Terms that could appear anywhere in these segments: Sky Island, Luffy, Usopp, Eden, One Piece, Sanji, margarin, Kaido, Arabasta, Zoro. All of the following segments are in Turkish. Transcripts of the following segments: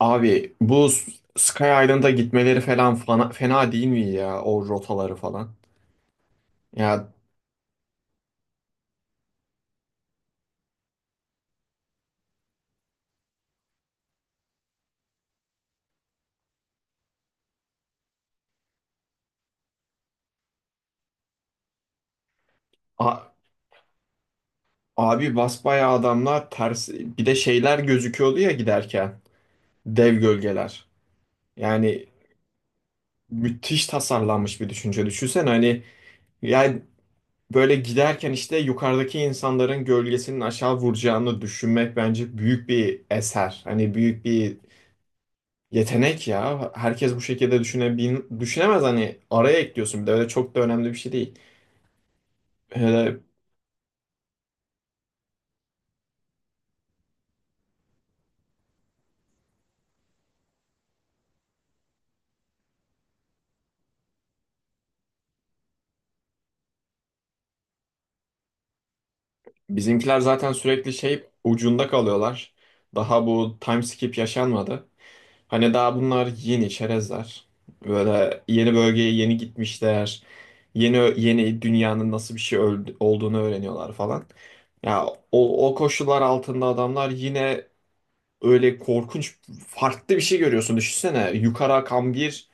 Abi bu Sky Island'a gitmeleri falan fena, fena değil mi ya o rotaları falan? Ya a- abi basbayağı adamlar ters bir de şeyler gözüküyordu ya giderken dev gölgeler. Yani müthiş tasarlanmış bir düşünce. Düşünsene yani böyle giderken işte yukarıdaki insanların gölgesinin aşağı vuracağını düşünmek bence büyük bir eser. Hani büyük bir yetenek ya. Herkes bu şekilde düşünemez, hani araya ekliyorsun bir de öyle, çok da önemli bir şey değil. Hele bizimkiler zaten sürekli şey ucunda kalıyorlar. Daha bu time skip yaşanmadı. Hani daha bunlar yeni çerezler. Böyle yeni bölgeye yeni gitmişler. Yeni yeni dünyanın nasıl bir şey olduğunu öğreniyorlar falan. Ya o koşullar altında adamlar yine öyle korkunç farklı bir şey görüyorsun. Düşünsene yukarı akan bir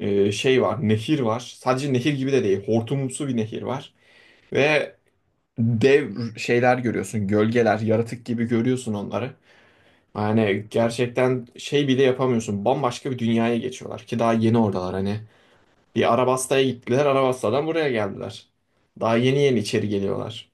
şey var, nehir var. Sadece nehir gibi de değil, hortumumsu bir nehir var. Ve dev şeyler görüyorsun. Gölgeler, yaratık gibi görüyorsun onları. Yani gerçekten şey bile yapamıyorsun. Bambaşka bir dünyaya geçiyorlar ki daha yeni oradalar hani. Bir Arabasta'ya gittiler, Arabasta'dan buraya geldiler. Daha yeni yeni içeri geliyorlar.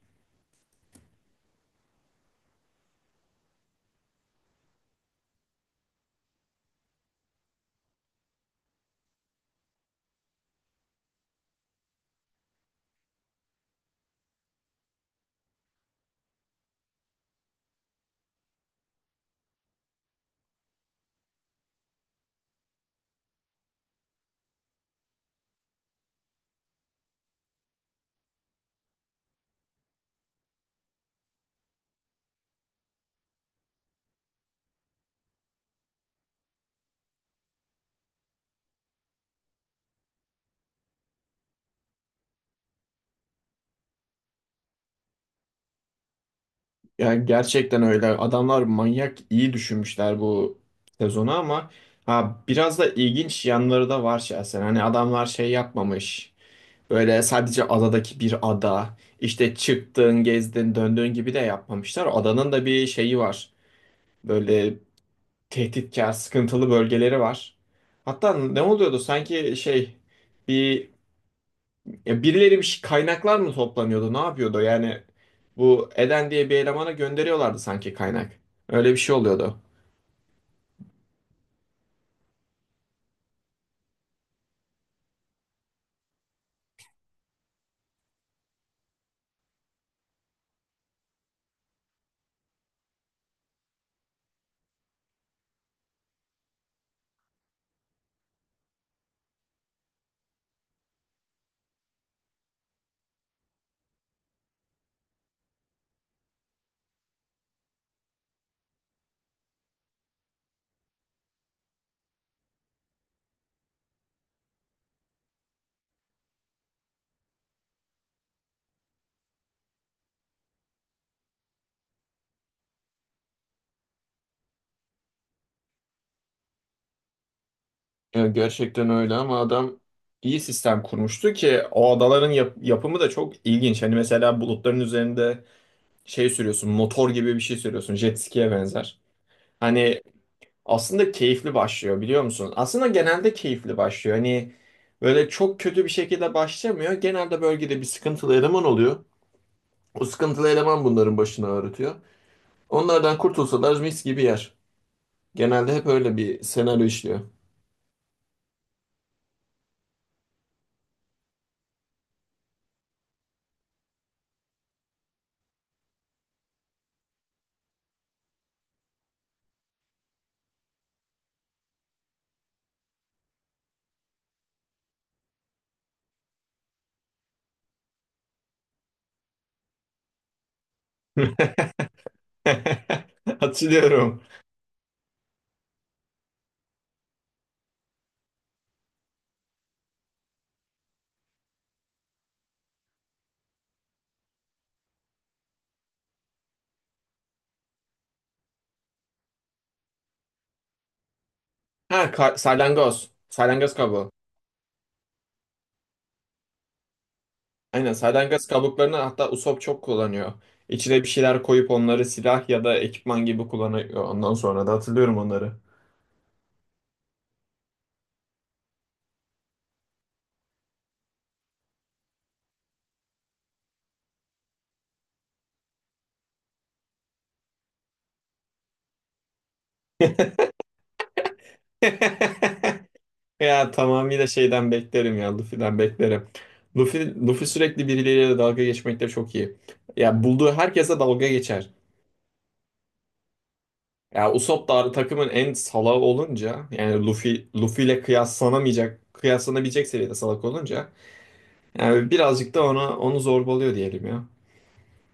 Yani gerçekten öyle. Adamlar manyak iyi düşünmüşler bu sezonu ama ha biraz da ilginç yanları da var şahsen. Hani adamlar şey yapmamış. Öyle sadece adadaki bir ada. İşte çıktın, gezdin, döndüğün gibi de yapmamışlar. Adanın da bir şeyi var. Böyle tehditkar, sıkıntılı bölgeleri var. Hatta ne oluyordu? Sanki şey bir, ya birileri bir şey, kaynaklar mı toplanıyordu? Ne yapıyordu? Yani bu Eden diye bir elemana gönderiyorlardı sanki kaynak. Öyle bir şey oluyordu. Ya gerçekten öyle ama adam iyi sistem kurmuştu ki o adaların yapımı da çok ilginç. Hani mesela bulutların üzerinde şey sürüyorsun, motor gibi bir şey sürüyorsun, jet ski'ye benzer. Hani aslında keyifli başlıyor biliyor musun? Aslında genelde keyifli başlıyor. Hani böyle çok kötü bir şekilde başlamıyor. Genelde bölgede bir sıkıntılı eleman oluyor. O sıkıntılı eleman bunların başına ağrıtıyor. Onlardan kurtulsalar mis gibi yer. Genelde hep öyle bir senaryo işliyor. Hatırlıyorum. Ha, salyangoz. Salyangoz kabuğu. Aynen, salyangoz kabuklarını hatta Usopp çok kullanıyor. İçine bir şeyler koyup onları silah ya da ekipman gibi kullanıyor. Ondan sonra da hatırlıyorum onları. Ya tamamıyla şeyden beklerim, ya Luffy'den beklerim. Luffy sürekli birileriyle dalga geçmekte çok iyi. Ya bulduğu herkese dalga geçer. Ya Usopp da takımın en salağı olunca, yani Luffy ile kıyaslanabilecek seviyede salak olunca yani birazcık da onu zorbalıyor diyelim ya.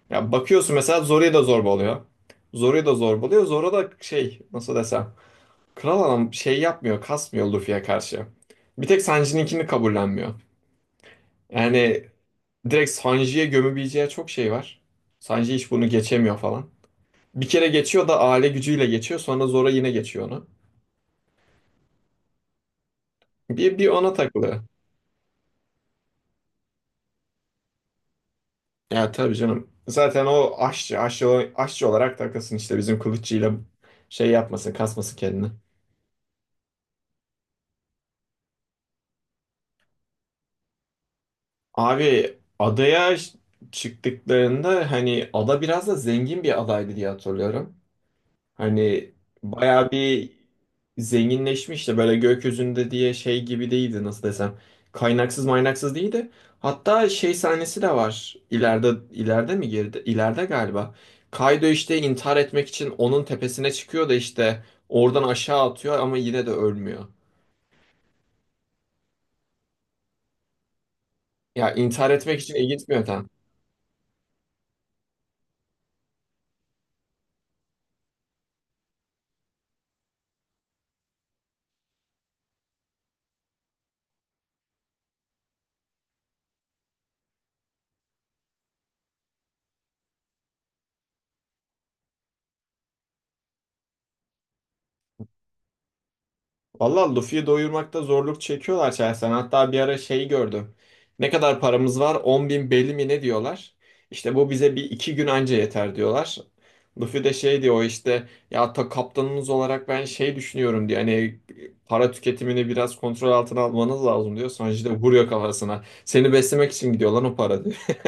Ya bakıyorsun mesela Zoru'ya da zorba oluyor. Zoru'ya da zorba, Zoru da şey, nasıl desem. Kral adam şey yapmıyor, kasmıyor Luffy'ye karşı. Bir tek Sanji'ninkini kabullenmiyor. Yani direkt Sanji'ye gömebileceği çok şey var. Sanji hiç bunu geçemiyor falan. Bir kere geçiyor da aile gücüyle geçiyor. Sonra Zoro yine geçiyor onu. Bir ona takılıyor. Ya tabii canım. Zaten o aşçı, aşçı olarak takılsın işte bizim kılıççıyla şey yapmasın, kasmasın kendini. Abi adaya çıktıklarında hani ada biraz da zengin bir adaydı diye hatırlıyorum. Hani bayağı bir zenginleşmişti, böyle gökyüzünde diye şey gibi değildi, nasıl desem. Kaynaksız maynaksız değildi. Hatta şey sahnesi de var. İleride mi girdi? İleride galiba. Kaido işte intihar etmek için onun tepesine çıkıyor da işte oradan aşağı atıyor ama yine de ölmüyor. Ya intihar etmek için iyi gitmiyor. Valla Luffy'yi doyurmakta zorluk çekiyorlar şahsen. Hatta bir ara şeyi gördüm. Ne kadar paramız var? 10.000 belli mi ne diyorlar. İşte bu bize bir iki gün anca yeter diyorlar. Luffy de şey diyor, işte ya ta kaptanınız olarak ben şey düşünüyorum diyor. Hani para tüketimini biraz kontrol altına almanız lazım diyor. Sanji de vuruyor kafasına. Seni beslemek için gidiyor lan o para diyor.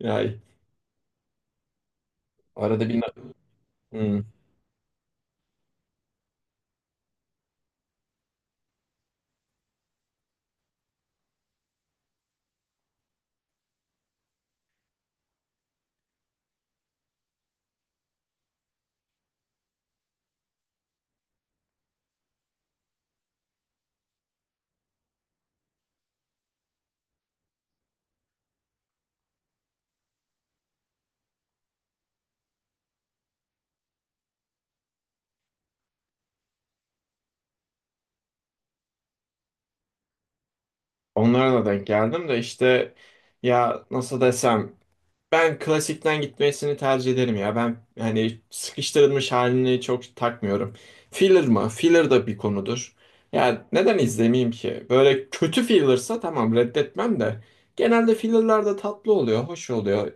Yani arada bir... Hmm. Onlara da denk geldim de işte, ya nasıl desem, ben klasikten gitmesini tercih ederim ya. Ben hani sıkıştırılmış halini çok takmıyorum. Filler mı? Filler da bir konudur. Yani neden izlemeyeyim ki? Böyle kötü fillersa tamam, reddetmem de. Genelde fillerler de tatlı oluyor, hoş oluyor.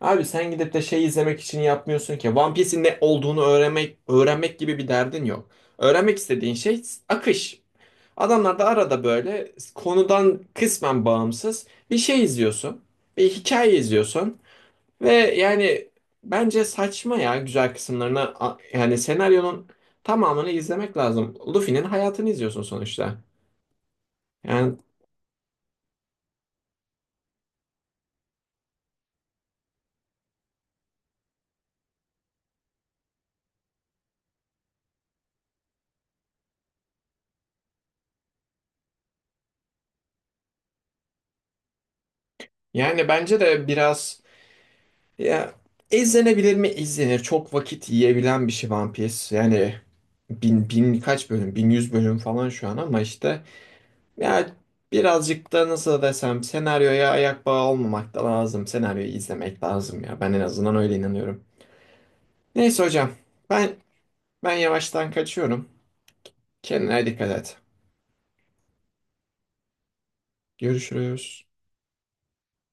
Abi sen gidip de şey izlemek için yapmıyorsun ki. One Piece'in ne olduğunu öğrenmek gibi bir derdin yok. Öğrenmek istediğin şey akış. Adamlar da arada böyle konudan kısmen bağımsız bir şey izliyorsun. Bir hikaye izliyorsun. Ve yani bence saçma ya, güzel kısımlarını yani senaryonun tamamını izlemek lazım. Luffy'nin hayatını izliyorsun sonuçta. Yani yani bence de biraz, ya izlenebilir mi? İzlenir. Çok vakit yiyebilen bir şey One Piece. Yani 1000 kaç bölüm? 1100 bölüm falan şu an ama işte ya birazcık da nasıl desem senaryoya ayak bağı olmamak da lazım. Senaryoyu izlemek lazım ya. Ben en azından öyle inanıyorum. Neyse hocam, ben ben yavaştan kaçıyorum. Kendine dikkat et. Görüşürüz.